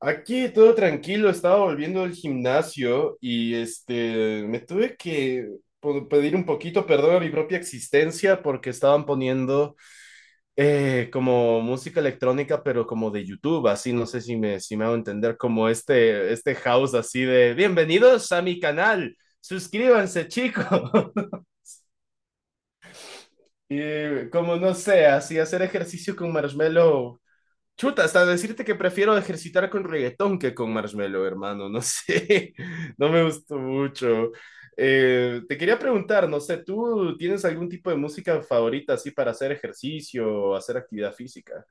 Aquí todo tranquilo, estaba volviendo del gimnasio y este me tuve que pedir un poquito perdón a mi propia existencia porque estaban poniendo como música electrónica, pero como de YouTube, así no sé si me hago entender, como este house así de bienvenidos a mi canal, suscríbanse chicos. Y como no sé, así hacer ejercicio con Marshmello. Chuta, hasta decirte que prefiero ejercitar con reggaetón que con Marshmello, hermano. No sé, no me gustó mucho. Te quería preguntar, no sé, ¿tú tienes algún tipo de música favorita así para hacer ejercicio o hacer actividad física?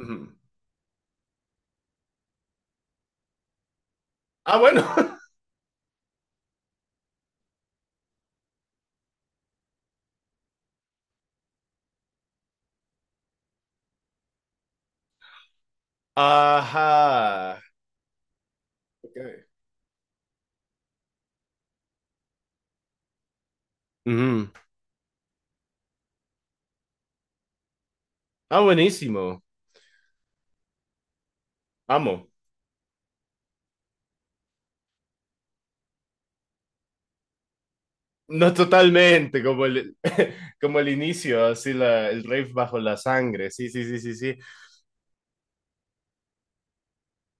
Ujú. Ah, bueno. Ajá. Ok. Ujú. Ah, buenísimo. Amo. No, totalmente, como como el inicio, así el rave bajo la sangre. Sí, sí, sí, sí, sí.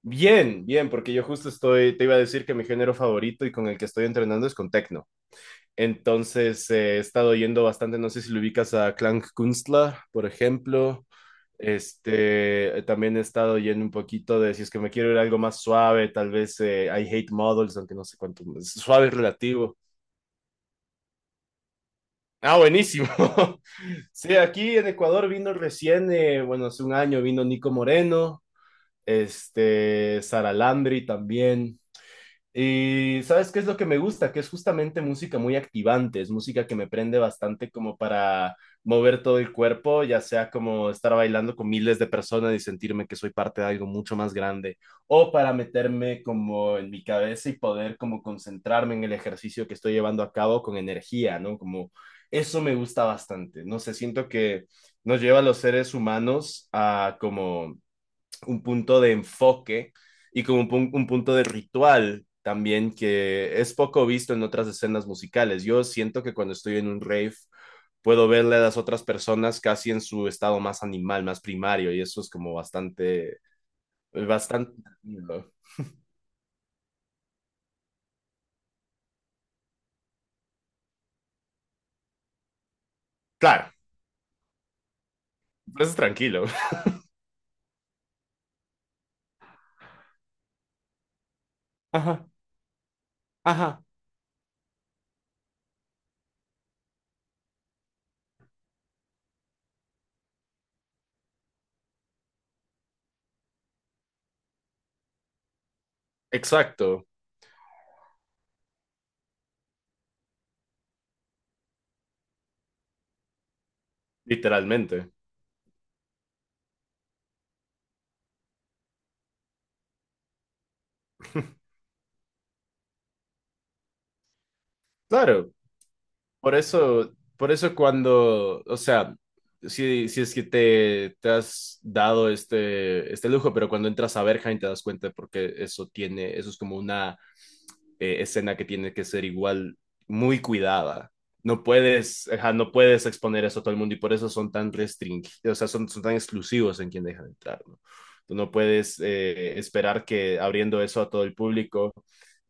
Bien, bien, porque yo justo estoy, te iba a decir que mi género favorito y con el que estoy entrenando es con techno. Entonces he estado yendo bastante, no sé si lo ubicas a Klangkünstler, por ejemplo. Este, también he estado yendo un poquito de, si es que me quiero ir a algo más suave, tal vez I Hate Models, aunque no sé cuánto, suave es relativo. Ah, buenísimo. Sí, aquí en Ecuador vino recién, bueno, hace un año vino Nico Moreno, este, Sara Landry también. Y sabes qué es lo que me gusta, que es justamente música muy activante, es música que me prende bastante como para mover todo el cuerpo, ya sea como estar bailando con miles de personas y sentirme que soy parte de algo mucho más grande, o para meterme como en mi cabeza y poder como concentrarme en el ejercicio que estoy llevando a cabo con energía, ¿no? Como eso me gusta bastante, no sé, siento que nos lleva a los seres humanos a como un punto de enfoque y como un punto de ritual también que es poco visto en otras escenas musicales. Yo siento que cuando estoy en un rave puedo verle a las otras personas casi en su estado más animal, más primario y eso es como bastante, bastante tranquilo. Claro, pues es tranquilo. Ajá, ajá. Exacto, literalmente. Claro. Por eso cuando, o sea, si es que te has dado este lujo, pero cuando entras a Berghain te das cuenta porque eso tiene, eso es como una escena que tiene que ser igual muy cuidada. No puedes, ajá, no puedes exponer eso a todo el mundo y por eso son tan restringidos, o sea, son, son tan exclusivos en quien dejan entrar, ¿no? Tú no puedes esperar que abriendo eso a todo el público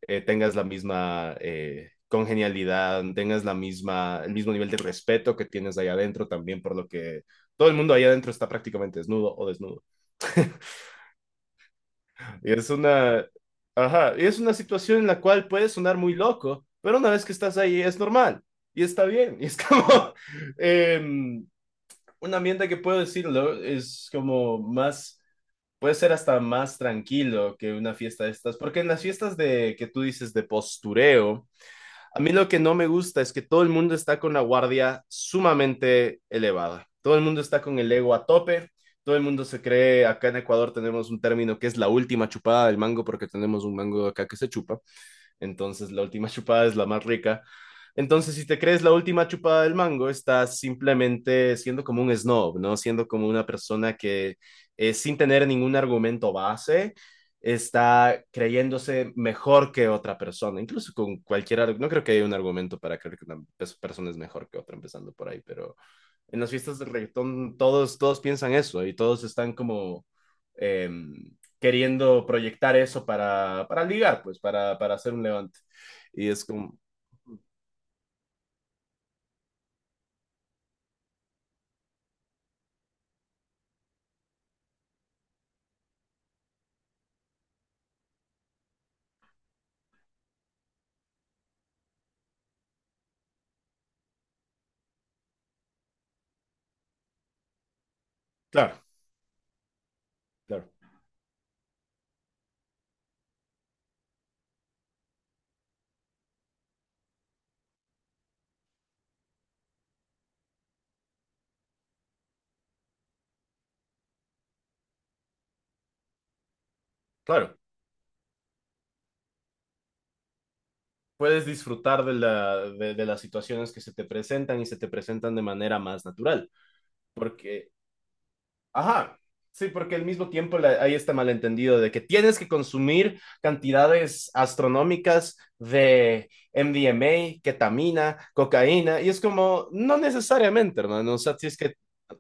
tengas la misma congenialidad, tengas la misma, el mismo nivel de respeto que tienes allá adentro también, por lo que todo el mundo allá adentro está prácticamente desnudo o desnudo y ajá, y es una situación en la cual puede sonar muy loco, pero una vez que estás ahí es normal y está bien. Y es como em, un ambiente que puedo decirlo, es como más, puede ser hasta más tranquilo que una fiesta de estas, porque en las fiestas de que tú dices de postureo, a mí lo que no me gusta es que todo el mundo está con la guardia sumamente elevada. Todo el mundo está con el ego a tope. Todo el mundo se cree, acá en Ecuador tenemos un término que es la última chupada del mango porque tenemos un mango acá que se chupa. Entonces la última chupada es la más rica. Entonces, si te crees la última chupada del mango, estás simplemente siendo como un snob, ¿no? Siendo como una persona que sin tener ningún argumento base, está creyéndose mejor que otra persona, incluso con cualquier, no creo que haya un argumento para creer que una persona es mejor que otra, empezando por ahí, pero en las fiestas de reggaetón todos piensan eso y todos están como eh, queriendo proyectar eso para ligar, pues, para hacer un levante. Y es como, claro, claro, claro. Puedes disfrutar de las situaciones que se te presentan y se te presentan de manera más natural, porque ajá, sí, porque al mismo tiempo hay este malentendido de que tienes que consumir cantidades astronómicas de MDMA, ketamina, cocaína, y es como, no necesariamente, hermano, o sea,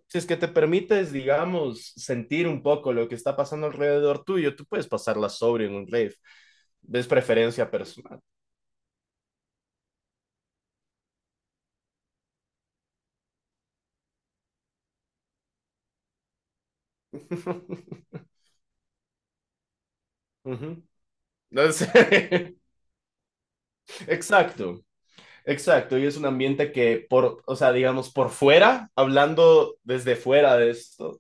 si es que te permites, digamos, sentir un poco lo que está pasando alrededor tuyo, tú puedes pasarla sobre en un rave, es preferencia personal. Ujú. No sé. Exacto. Exacto, y es un ambiente que por, o sea, digamos, por fuera, hablando desde fuera de esto,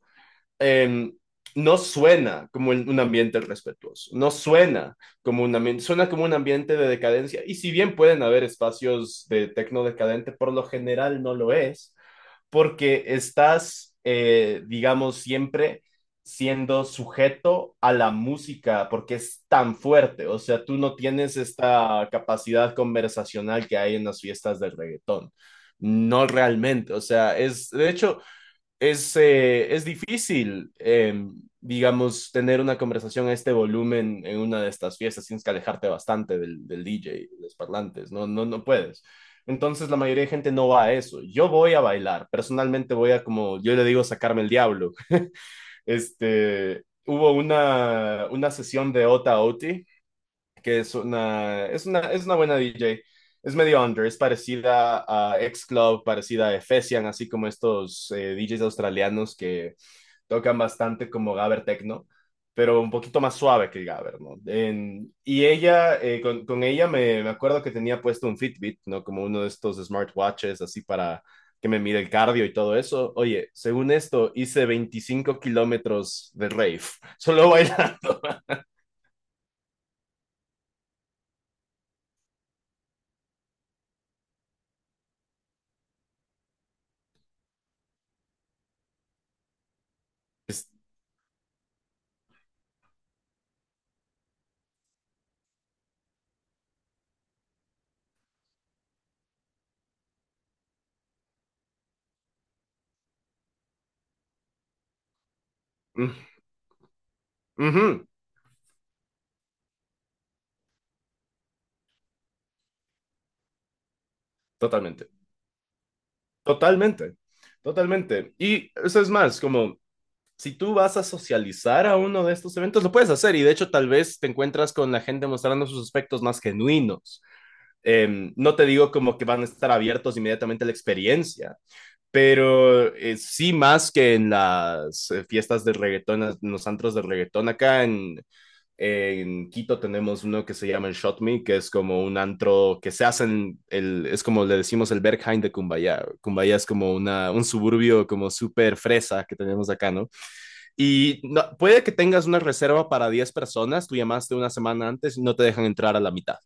eh, no suena como un ambiente respetuoso, no suena como un ambiente, suena como un ambiente de decadencia, y si bien pueden haber espacios de tecno decadente, por lo general no lo es, porque estás, digamos, siempre siendo sujeto a la música porque es tan fuerte, o sea, tú no tienes esta capacidad conversacional que hay en las fiestas del reggaetón. No realmente, o sea, es, de hecho, es difícil, digamos, tener una conversación a este volumen en una de estas fiestas. Tienes que alejarte bastante del DJ, de los parlantes. No, no, no puedes. Entonces la mayoría de gente no va a eso. Yo voy a bailar. Personalmente voy a, como yo le digo, sacarme el diablo. Este, hubo una sesión de Ota Oti, que es una, es una, es una buena DJ. Es medio under, es parecida a X Club, parecida a Efesian, así como estos DJs australianos que tocan bastante como Gabber techno pero un poquito más suave que el Gabber, ¿no? Y ella, con ella me acuerdo que tenía puesto un Fitbit, ¿no? Como uno de estos smartwatches, así para que me mide el cardio y todo eso. Oye, según esto, hice 25 kilómetros de rave, solo bailando. Es- mm, ujú, totalmente, totalmente, totalmente. Y eso es más, como si tú vas a socializar a uno de estos eventos, lo puedes hacer y de hecho tal vez te encuentras con la gente mostrando sus aspectos más genuinos. No te digo como que van a estar abiertos inmediatamente a la experiencia, pero sí más que en las fiestas de reggaetón, en los antros de reggaetón. Acá en Quito tenemos uno que se llama el Shot Me, que es como un antro que se hace en el, es como le decimos el Berghain de Cumbayá. Cumbayá es como una, un suburbio como súper fresa que tenemos acá, ¿no? Y puede que tengas una reserva para 10 personas, tú llamaste una semana antes y no te dejan entrar a la mitad.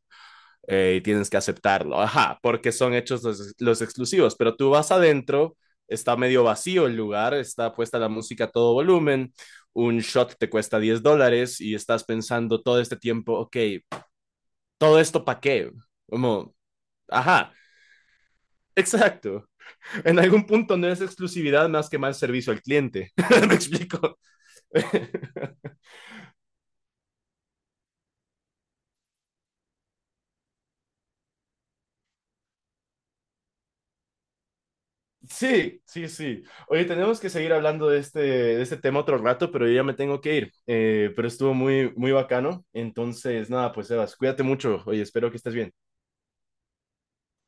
Y tienes que aceptarlo, ajá, porque son hechos los exclusivos, pero tú vas adentro, está medio vacío el lugar, está puesta la música a todo volumen, un shot te cuesta $10 y estás pensando todo este tiempo, ok, ¿todo esto para qué? Como, ajá, exacto. En algún punto no es exclusividad más que mal servicio al cliente. ¿Me explico? Sí, sí, sí. Oye, tenemos que seguir hablando de este tema otro rato, pero yo ya me tengo que ir. Pero estuvo muy, muy bacano. Entonces, nada, pues Sebas, cuídate mucho. Oye, espero que estés bien.